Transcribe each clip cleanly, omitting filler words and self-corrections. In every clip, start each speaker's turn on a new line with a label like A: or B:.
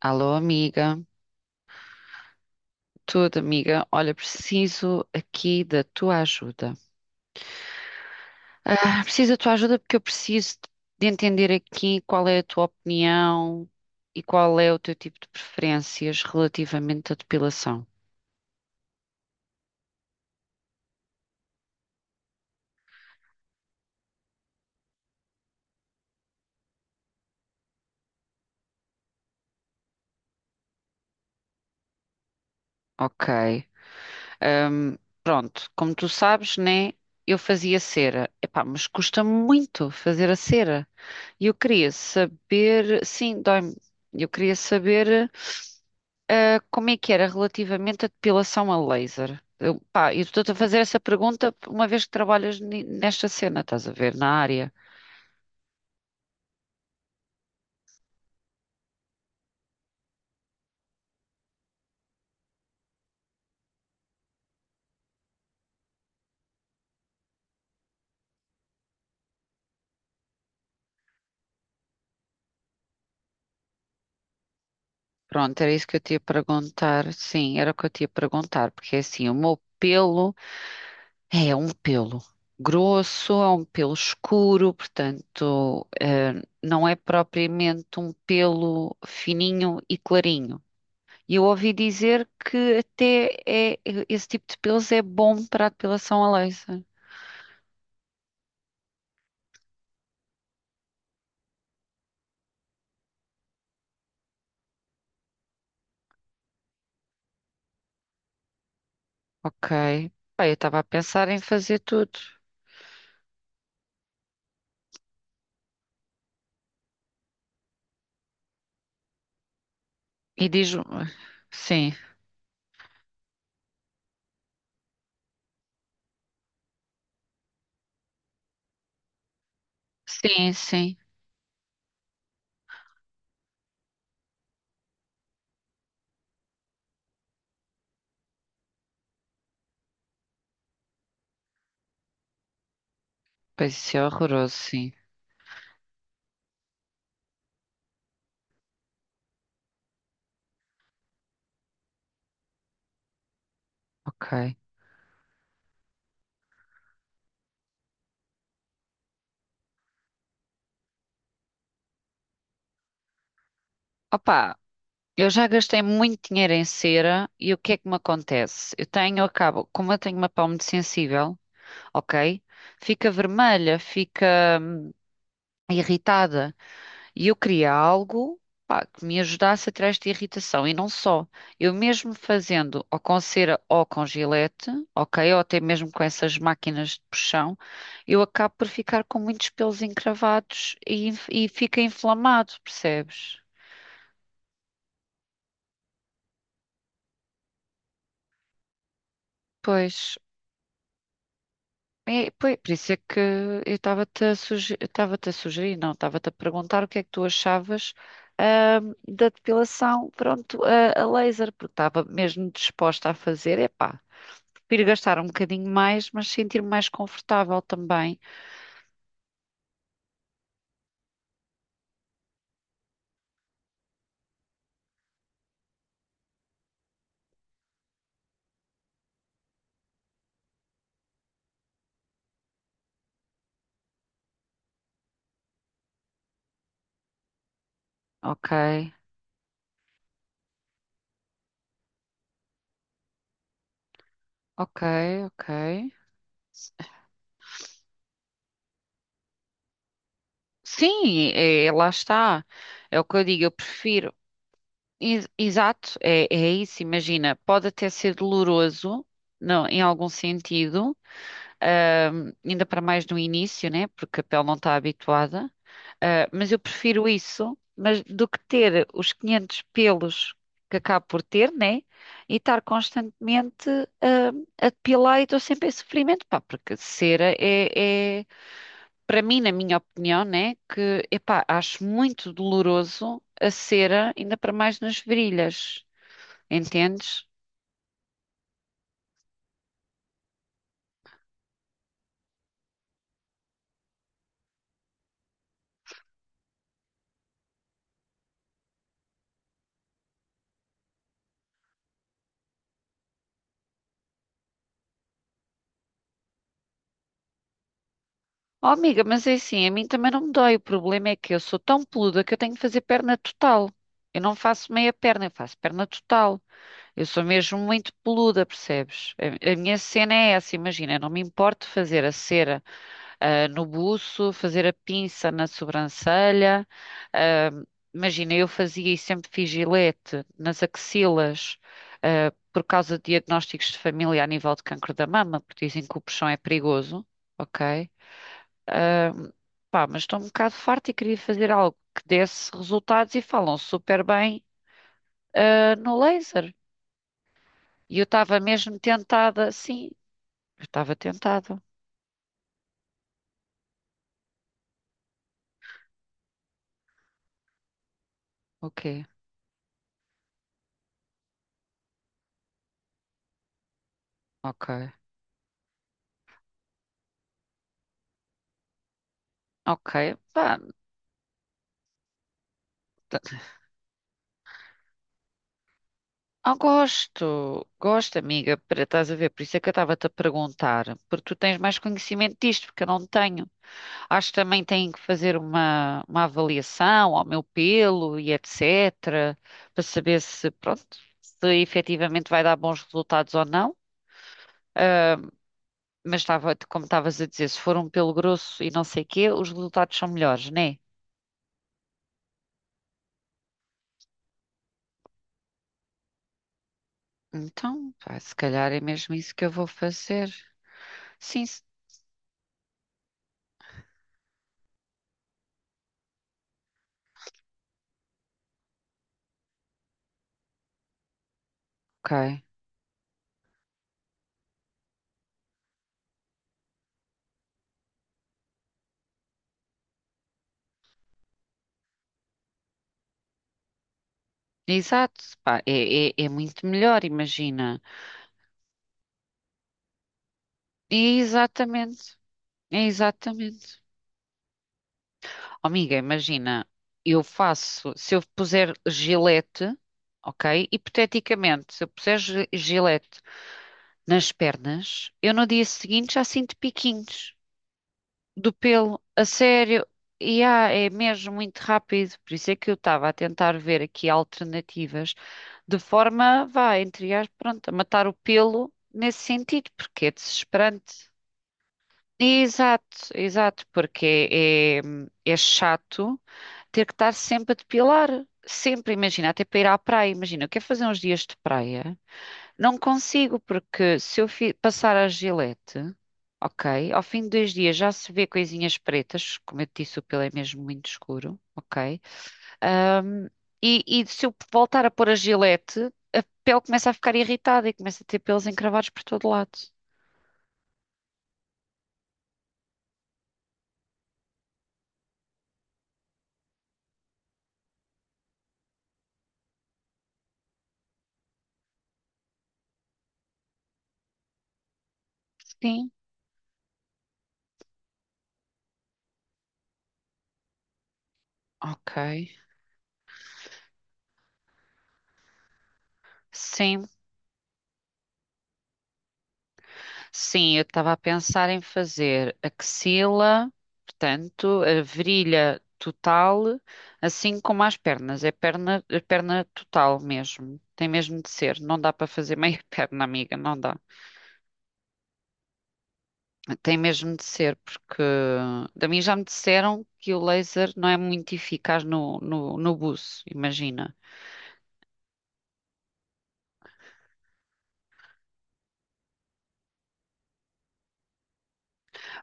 A: Alô, amiga. Tudo, amiga. Olha, preciso aqui da tua ajuda. Preciso da tua ajuda porque eu preciso de entender aqui qual é a tua opinião e qual é o teu tipo de preferências relativamente à depilação. Ok. Ahm, pronto, como tu sabes, né? Eu fazia cera. Epá, mas custa muito fazer a cera. E eu queria saber. Sim, dói-me. Eu queria saber. Ah, como é que era relativamente à depilação a laser? Eu, pá, eu estou-te a fazer essa pergunta uma vez que trabalhas nesta cena, estás a ver, na área. Pronto, era isso que eu te ia perguntar. Sim, era o que eu te ia perguntar, porque é assim, o meu pelo é um pelo grosso, é um pelo escuro, portanto, não é propriamente um pelo fininho e clarinho. E eu ouvi dizer que até é, esse tipo de pelos é bom para a depilação a laser. Ok. Pá, eu estava a pensar em fazer tudo. E diz. Sim, sim, sim. Pois isso é horroroso, sim. Ok. Opa, eu já gastei muito dinheiro em cera e o que é que me acontece? Eu tenho, acabo, como eu tenho uma pele muito sensível, ok? Fica vermelha, fica irritada. E eu queria algo, pá, que me ajudasse a tirar esta irritação. E não só. Eu mesmo fazendo ou com cera ou com gilete, ok? Ou até mesmo com essas máquinas de puxão, eu acabo por ficar com muitos pelos encravados e fica inflamado, percebes? Pois. É, pois, por isso é que eu estava-te a sugerir, não, estava-te a perguntar o que é que tu achavas, da depilação, pronto, a laser, porque estava mesmo disposta a fazer, epá. Prefiro gastar um bocadinho mais, mas sentir-me mais confortável também. Ok, ok, ok. Sim, é, é, lá está. É o que eu digo, eu prefiro. Exato, é, é isso. Imagina, pode até ser doloroso, não, em algum sentido, ainda para mais no início, né? Porque a pele não está habituada. Ah, mas eu prefiro isso, mas do que ter os 500 pelos que acabo por ter, né? E estar constantemente ah, a depilar e estou sempre em sofrimento, pá, porque para mim, na minha opinião, né? Que, epá, acho muito doloroso a cera, ainda para mais nas virilhas, entendes? Oh, amiga, mas é assim, a mim também não me dói. O problema é que eu sou tão peluda que eu tenho que fazer perna total. Eu não faço meia perna, eu faço perna total. Eu sou mesmo muito peluda, percebes? A minha cena é essa, imagina, não me importo fazer a cera, no buço, fazer a pinça na sobrancelha. ah, Imagina, eu fazia e sempre fiz gilete nas axilas, por causa de diagnósticos de família a nível de cancro da mama, porque dizem que o puxão é perigoso, ok? Ah, Pá, mas estou um bocado farta e queria fazer algo que desse resultados e falam super bem, no laser. E eu estava mesmo tentada, sim, eu estava tentada. O quê? Ok, ok. Pá, tá- ah, gosto, gosto, amiga, para estás a ver, por isso é que eu estava-te a perguntar, porque tu tens mais conhecimento disto, porque eu não tenho. Acho que também têm que fazer uma avaliação ao meu pelo e etc, para saber se, pronto, se efetivamente vai dar bons resultados ou não. Ah, mas estava, como estavas a dizer, se for um pelo grosso e não sei o quê, os resultados são melhores, né? Então, pá, se calhar é mesmo isso que eu vou fazer. Sim, se- ok. Exato, pá, é muito melhor, imagina. E é exatamente, é exatamente. Oh, amiga, imagina, eu faço, se eu puser gilete, ok? Hipoteticamente, se eu puser gilete nas pernas, eu no dia seguinte já sinto piquinhos do pelo, a sério. E é mesmo muito rápido, por isso é que eu estava a tentar ver aqui alternativas de forma, vá, entre aspas, pronto, a matar o pelo nesse sentido, porque é desesperante. Exato, exato, porque é, é, é chato ter que estar sempre a depilar. Sempre, imagina, até para ir à praia, imagina, eu quero fazer uns dias de praia, não consigo, porque se eu passar a Gillette, ok, ao fim de 2 dias já se vê coisinhas pretas, como eu te disse, o pelo é mesmo muito escuro, ok? Ahm, e se eu voltar a pôr a gilete, a pele começa a ficar irritada e começa a ter pelos encravados por todo lado. Sim. Ok. Sim, sim, eu estava a pensar em fazer axila, portanto, a virilha total, assim como as pernas. É perna total mesmo. Tem mesmo de ser. Não dá para fazer meia perna, amiga, não dá. Tem mesmo de ser, porque da mim já me disseram que o laser não é muito eficaz no buço, imagina.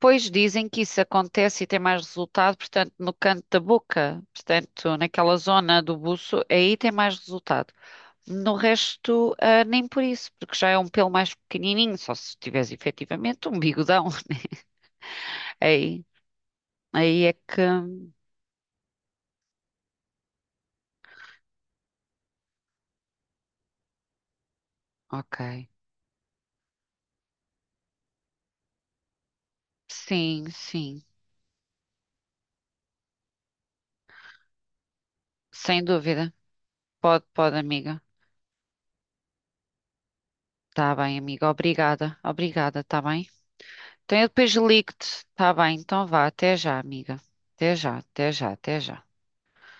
A: Pois dizem que isso acontece e tem mais resultado, portanto, no canto da boca, portanto, naquela zona do buço, aí tem mais resultado. No resto, ah, nem por isso, porque já é um pelo mais pequenininho, só se tiveres efetivamente um bigodão. Aí, aí é que. Ok. Sim, sim, sem dúvida. Pode, pode, amiga. Tá bem, amiga. Obrigada. Obrigada, tá bem? Então eu depois ligo-te. Tá bem, então vá. Até já, amiga. Até já, até já, até já.